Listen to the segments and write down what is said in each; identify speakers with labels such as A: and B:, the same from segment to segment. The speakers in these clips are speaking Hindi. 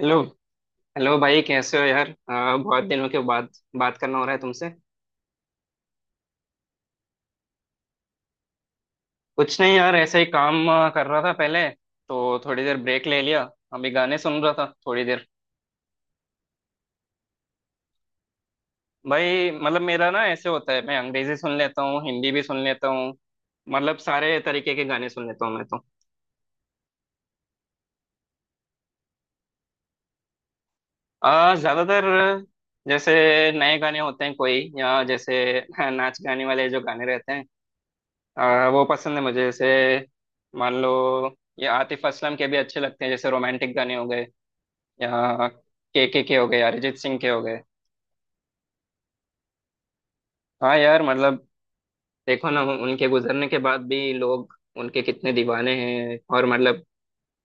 A: हेलो। हेलो भाई कैसे हो यार बहुत दिनों के बाद बात करना हो रहा है तुमसे। कुछ नहीं यार, ऐसे ही काम कर रहा था पहले, तो थोड़ी देर ब्रेक ले लिया। अभी गाने सुन रहा था थोड़ी देर। भाई मतलब मेरा ना ऐसे होता है, मैं अंग्रेजी सुन लेता हूँ, हिंदी भी सुन लेता हूँ। मतलब सारे तरीके के गाने सुन लेता हूँ मैं तो। ज्यादातर जैसे नए गाने होते हैं कोई, या जैसे नाच गाने वाले जो गाने रहते हैं, वो पसंद है मुझे। जैसे मान लो, ये आतिफ असलम के भी अच्छे लगते हैं, जैसे रोमांटिक गाने हो गए, या के हो गए, अरिजीत सिंह के हो गए। हाँ यार मतलब देखो ना, उनके गुजरने के बाद भी लोग उनके कितने दीवाने हैं। और मतलब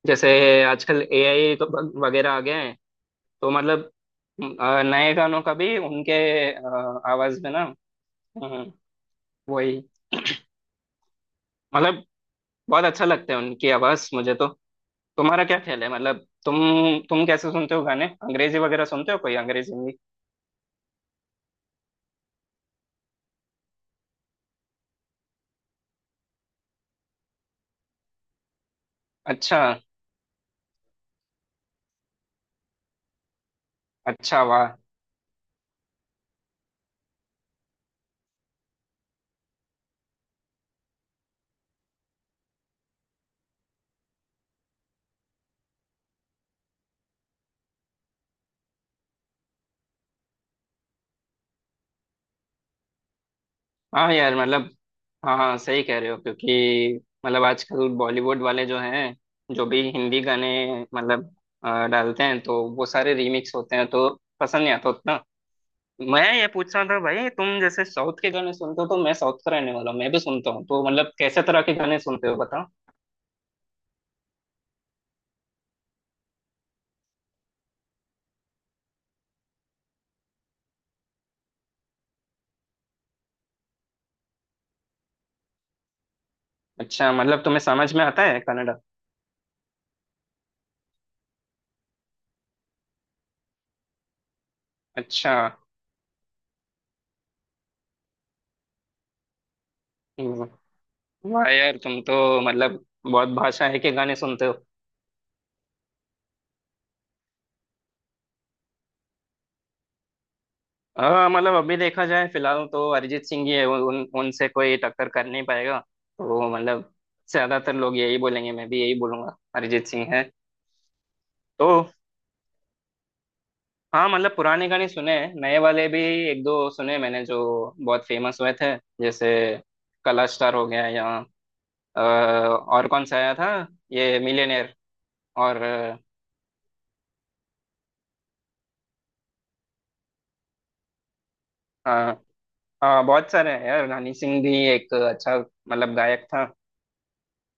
A: जैसे आजकल एआई वगैरह आ गए हैं। तो मतलब नए गानों का भी उनके आ, आवाज में ना। हम्म, वही मतलब बहुत अच्छा लगता है उनकी आवाज मुझे तो। तुम्हारा क्या ख्याल है? मतलब तुम कैसे सुनते हो गाने? अंग्रेजी वगैरह सुनते हो कोई, अंग्रेजी में? अच्छा। अच्छा वाह। हाँ यार मतलब, हाँ हाँ सही कह रहे हो, क्योंकि मतलब आजकल बॉलीवुड वाले जो हैं, जो भी हिंदी गाने मतलब डालते हैं तो वो सारे रीमिक्स होते हैं, तो पसंद नहीं आता उतना। मैं ये पूछ रहा था भाई, तुम जैसे साउथ के गाने सुनते हो, तो मैं साउथ का रहने वाला हूँ, मैं भी सुनता हूँ, तो मतलब कैसे तरह के गाने सुनते हो बताओ। अच्छा मतलब तुम्हें समझ में आता है कन्नड़ा? अच्छा। हम्म। वाह यार, तुम तो मतलब बहुत भाषाएं के गाने सुनते हो। हाँ मतलब अभी देखा जाए फिलहाल तो अरिजीत सिंह ही है, उन उन- उनसे कोई टक्कर कर नहीं पाएगा। तो मतलब ज्यादातर लोग यही बोलेंगे, मैं भी यही बोलूंगा, अरिजीत सिंह है। तो हाँ मतलब पुराने गाने सुने हैं, नए वाले भी एक दो सुने मैंने, जो बहुत फेमस हुए थे। जैसे कला स्टार हो गया, या और कौन सा आया था, ये मिलियनेयर। और हाँ हाँ, बहुत सारे हैं यार। हनी सिंह भी एक अच्छा मतलब गायक था,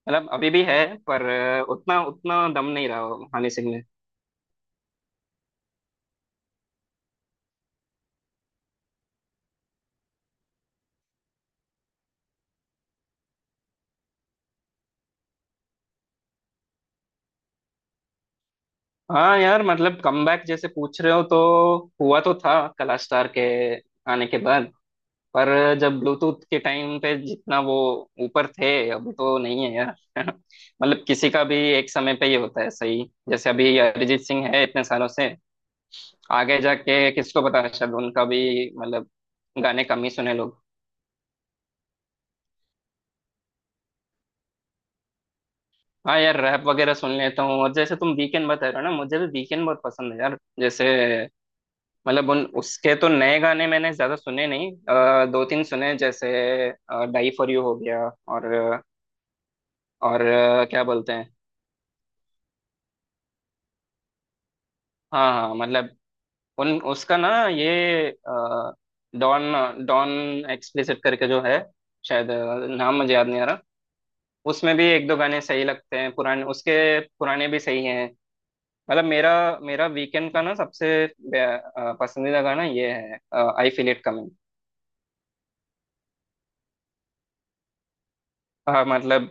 A: मतलब अभी भी है, पर उतना उतना दम नहीं रहा हनी सिंह में। हाँ यार मतलब कमबैक जैसे पूछ रहे हो तो हुआ तो था, कला स्टार के आने के बाद। पर जब ब्लूटूथ के टाइम पे जितना वो ऊपर थे, अभी तो नहीं है यार मतलब किसी का भी एक समय पे ही होता है सही। जैसे अभी अरिजीत सिंह है इतने सालों से, आगे जाके किसको पता, शायद उनका भी मतलब गाने कम ही सुने लोग। हाँ यार रैप वगैरह सुन लेता हूँ, और जैसे तुम वीकेंड बता रहे हो ना, मुझे भी वीकेंड बहुत पसंद है यार। जैसे मतलब उन उसके तो नए गाने मैंने ज्यादा सुने नहीं, दो तीन सुने जैसे डाई फॉर यू हो गया, और और क्या बोलते हैं। हाँ हाँ मतलब उन उसका ना ये डॉन डॉन एक्सप्लिसिट करके जो है, शायद नाम मुझे याद नहीं आ रहा। उसमें भी एक दो गाने सही लगते हैं पुराने उसके, पुराने भी सही हैं। मतलब मेरा मेरा वीकेंड का ना सबसे बे- पसंदीदा गाना ये है, आई फील इट कमिंग। मतलब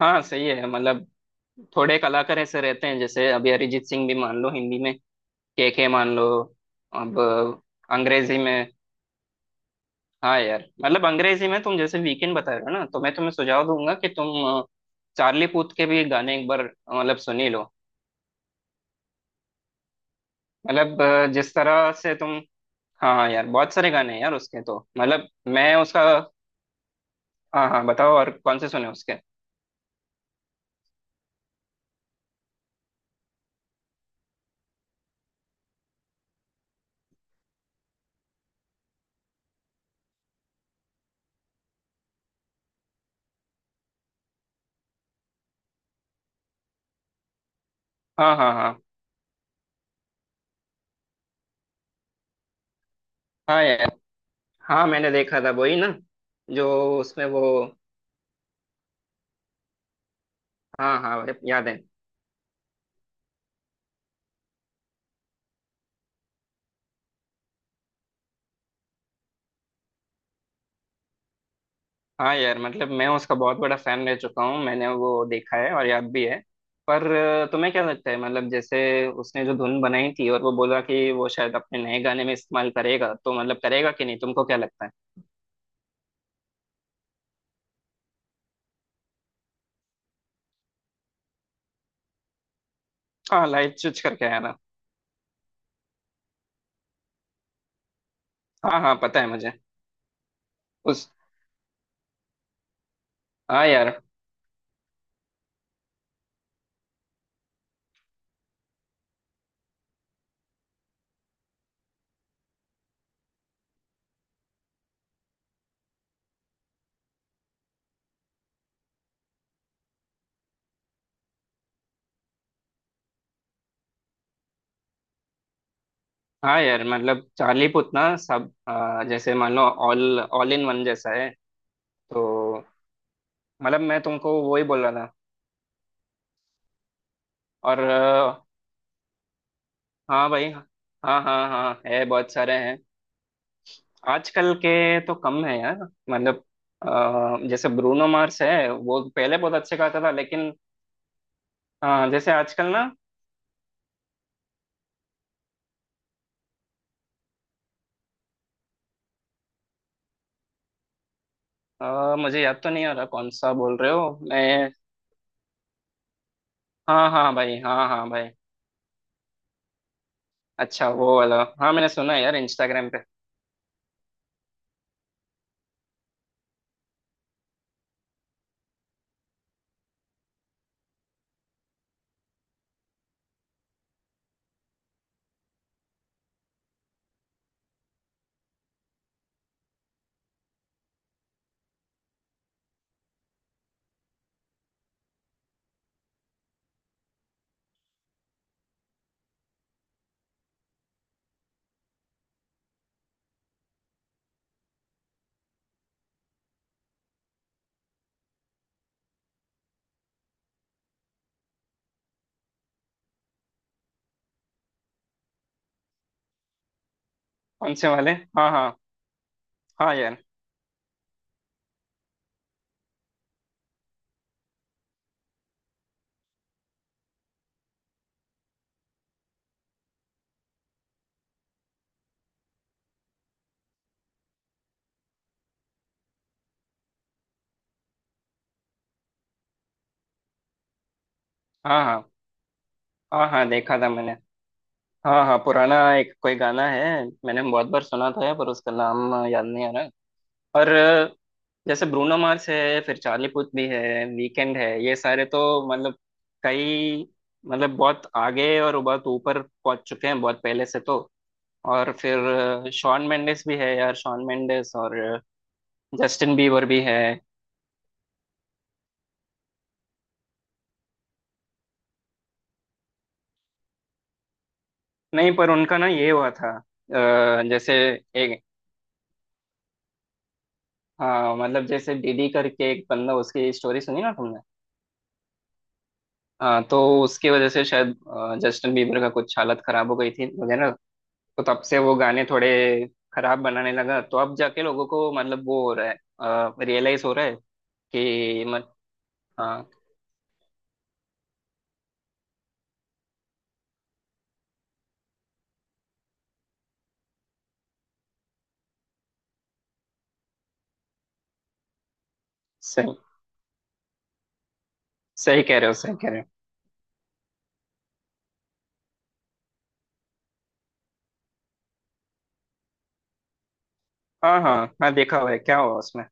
A: हाँ सही है। मतलब थोड़े कलाकार ऐसे रहते हैं, जैसे अभी अरिजीत सिंह भी मान लो हिंदी में, के मान लो। अब अंग्रेजी में हाँ यार मतलब अंग्रेजी में तुम जैसे वीकेंड बता रहे हो ना, तो मैं तुम्हें सुझाव दूंगा कि तुम अ, चार्ली पूथ के भी गाने एक बार मतलब सुन ही लो। मतलब जिस तरह से तुम हाँ हाँ यार, बहुत सारे गाने हैं यार उसके तो, मतलब मैं उसका। हाँ हाँ बताओ, और कौन से सुने उसके। हाँ हाँ हाँ हाँ यार। हाँ मैंने देखा था वही ना, जो उसमें वो हाँ हाँ अरे याद है। हाँ यार मतलब मैं उसका बहुत बड़ा फैन रह चुका हूँ, मैंने वो देखा है और याद भी है। पर तुम्हें क्या लगता है, मतलब जैसे उसने जो धुन बनाई थी और वो बोला कि वो शायद अपने नए गाने में इस्तेमाल करेगा, तो मतलब करेगा कि नहीं तुमको क्या लगता है? हाँ लाइट स्विच करके आया था। हाँ हाँ पता है मुझे उस हाँ यार। हाँ यार मतलब चालीपुतना सब जैसे मान लो ऑल ऑल इन वन जैसा है तो मतलब मैं तुमको वो ही बोल रहा था। और हाँ भाई हाँ हाँ हाँ, है बहुत सारे हैं। आजकल के तो कम है यार। मतलब जैसे ब्रूनो मार्स है, वो पहले बहुत अच्छे गाता था लेकिन हाँ जैसे आजकल ना मुझे याद तो नहीं आ रहा कौन सा बोल रहे हो मैं। हाँ हाँ भाई, हाँ हाँ भाई। अच्छा वो वाला, हाँ मैंने सुना है यार इंस्टाग्राम पे। कौन से वाले? हाँ हाँ हाँ यार। हाँ हाँ हाँ हाँ देखा था मैंने। हाँ हाँ पुराना एक कोई गाना है, मैंने बहुत बार सुना तो है पर उसका नाम याद नहीं आ रहा। और जैसे ब्रूनो मार्स है, फिर चार्ली पुथ भी है, वीकेंड है, ये सारे तो मतलब कई मतलब बहुत आगे और बहुत ऊपर पहुंच चुके हैं बहुत पहले से तो। और फिर शॉन मेंडेस भी है यार, शॉन मेंडेस और जस्टिन बीबर भी है। नहीं पर उनका ना ये हुआ था जैसे एक हाँ मतलब जैसे डीडी करके एक बंदा, उसकी स्टोरी सुनी ना तुमने। हाँ तो उसकी वजह से शायद जस्टिन बीबर का कुछ हालत खराब हो गई थी वगैरह। तो तब से वो गाने थोड़े खराब बनाने लगा, तो अब जाके लोगों को मतलब वो हो रहा है, रियलाइज हो रहा है कि मत हाँ सही। सही कह रहे हो, सही कह रहे हो। हाँ हाँ हाँ देखा हुआ है, क्या हुआ उसमें?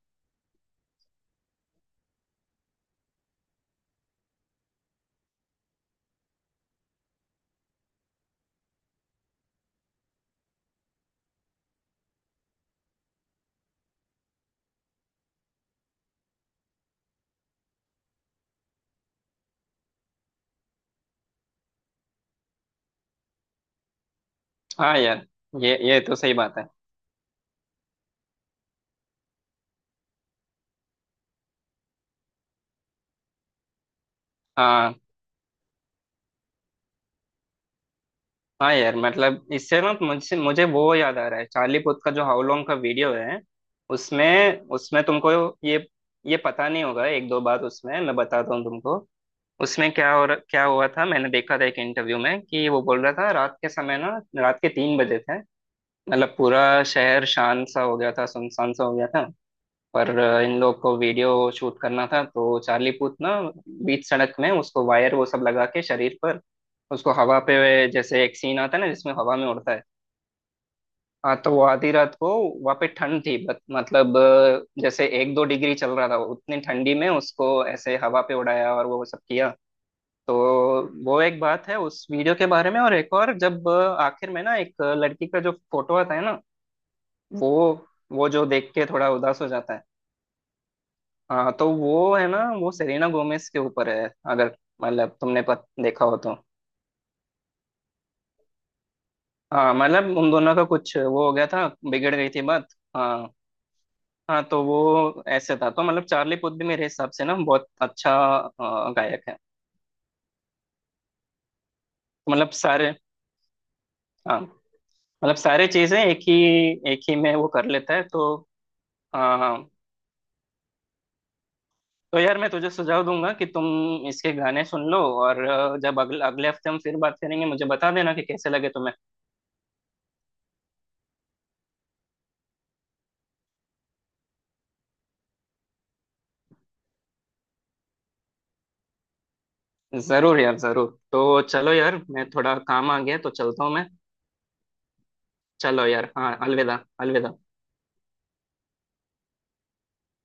A: हाँ यार ये तो सही बात है। हाँ हाँ यार मतलब इससे ना मुझसे मुझे वो याद आ रहा है चार्ली पुथ का जो हाउ लॉन्ग का वीडियो है। उसमें उसमें तुमको ये ये पता नहीं होगा, एक दो बात उसमें मैं बताता हूँ तुमको। उसमें क्या हुआ था, मैंने देखा था एक इंटरव्यू में कि वो बोल रहा था रात के समय ना, रात के तीन बजे थे। मतलब पूरा शहर शांत सा हो गया था, सुनसान सा हो गया था। पर इन लोग को वीडियो शूट करना था, तो चार्ली पूथ ना बीच सड़क में उसको वायर वो सब लगा के शरीर पर, उसको हवा पे जैसे एक सीन आता है ना जिसमें हवा में उड़ता है। हाँ तो वो आधी रात को वहाँ पे ठंड थी, मतलब जैसे एक दो डिग्री चल रहा था, उतनी ठंडी में उसको ऐसे हवा पे उड़ाया और वो सब किया। तो वो एक बात है उस वीडियो के बारे में। और एक और, जब आखिर में ना एक लड़की का जो फोटो आता है ना, वो वो जो देख के थोड़ा उदास हो जाता है। हाँ तो वो है ना, वो सेलेना गोमेज के ऊपर है, अगर मतलब तुमने देखा हो तो। हाँ मतलब उन दोनों का कुछ वो हो गया था, बिगड़ गई थी बात। हाँ हाँ तो वो ऐसे था। तो मतलब चार्ली पुथ भी मेरे हिसाब से ना बहुत अच्छा गायक है। मतलब सारे हाँ मतलब सारे चीजें एक ही में वो कर लेता है तो हाँ हाँ। तो यार मैं तुझे सुझाव दूंगा कि तुम इसके गाने सुन लो, और जब अगले अगले हफ्ते हम फिर बात करेंगे मुझे बता देना कि कैसे लगे तुम्हें। जरूर यार जरूर। तो चलो यार, मैं थोड़ा काम आ गया तो चलता हूँ मैं। चलो यार, हाँ अलविदा अलविदा।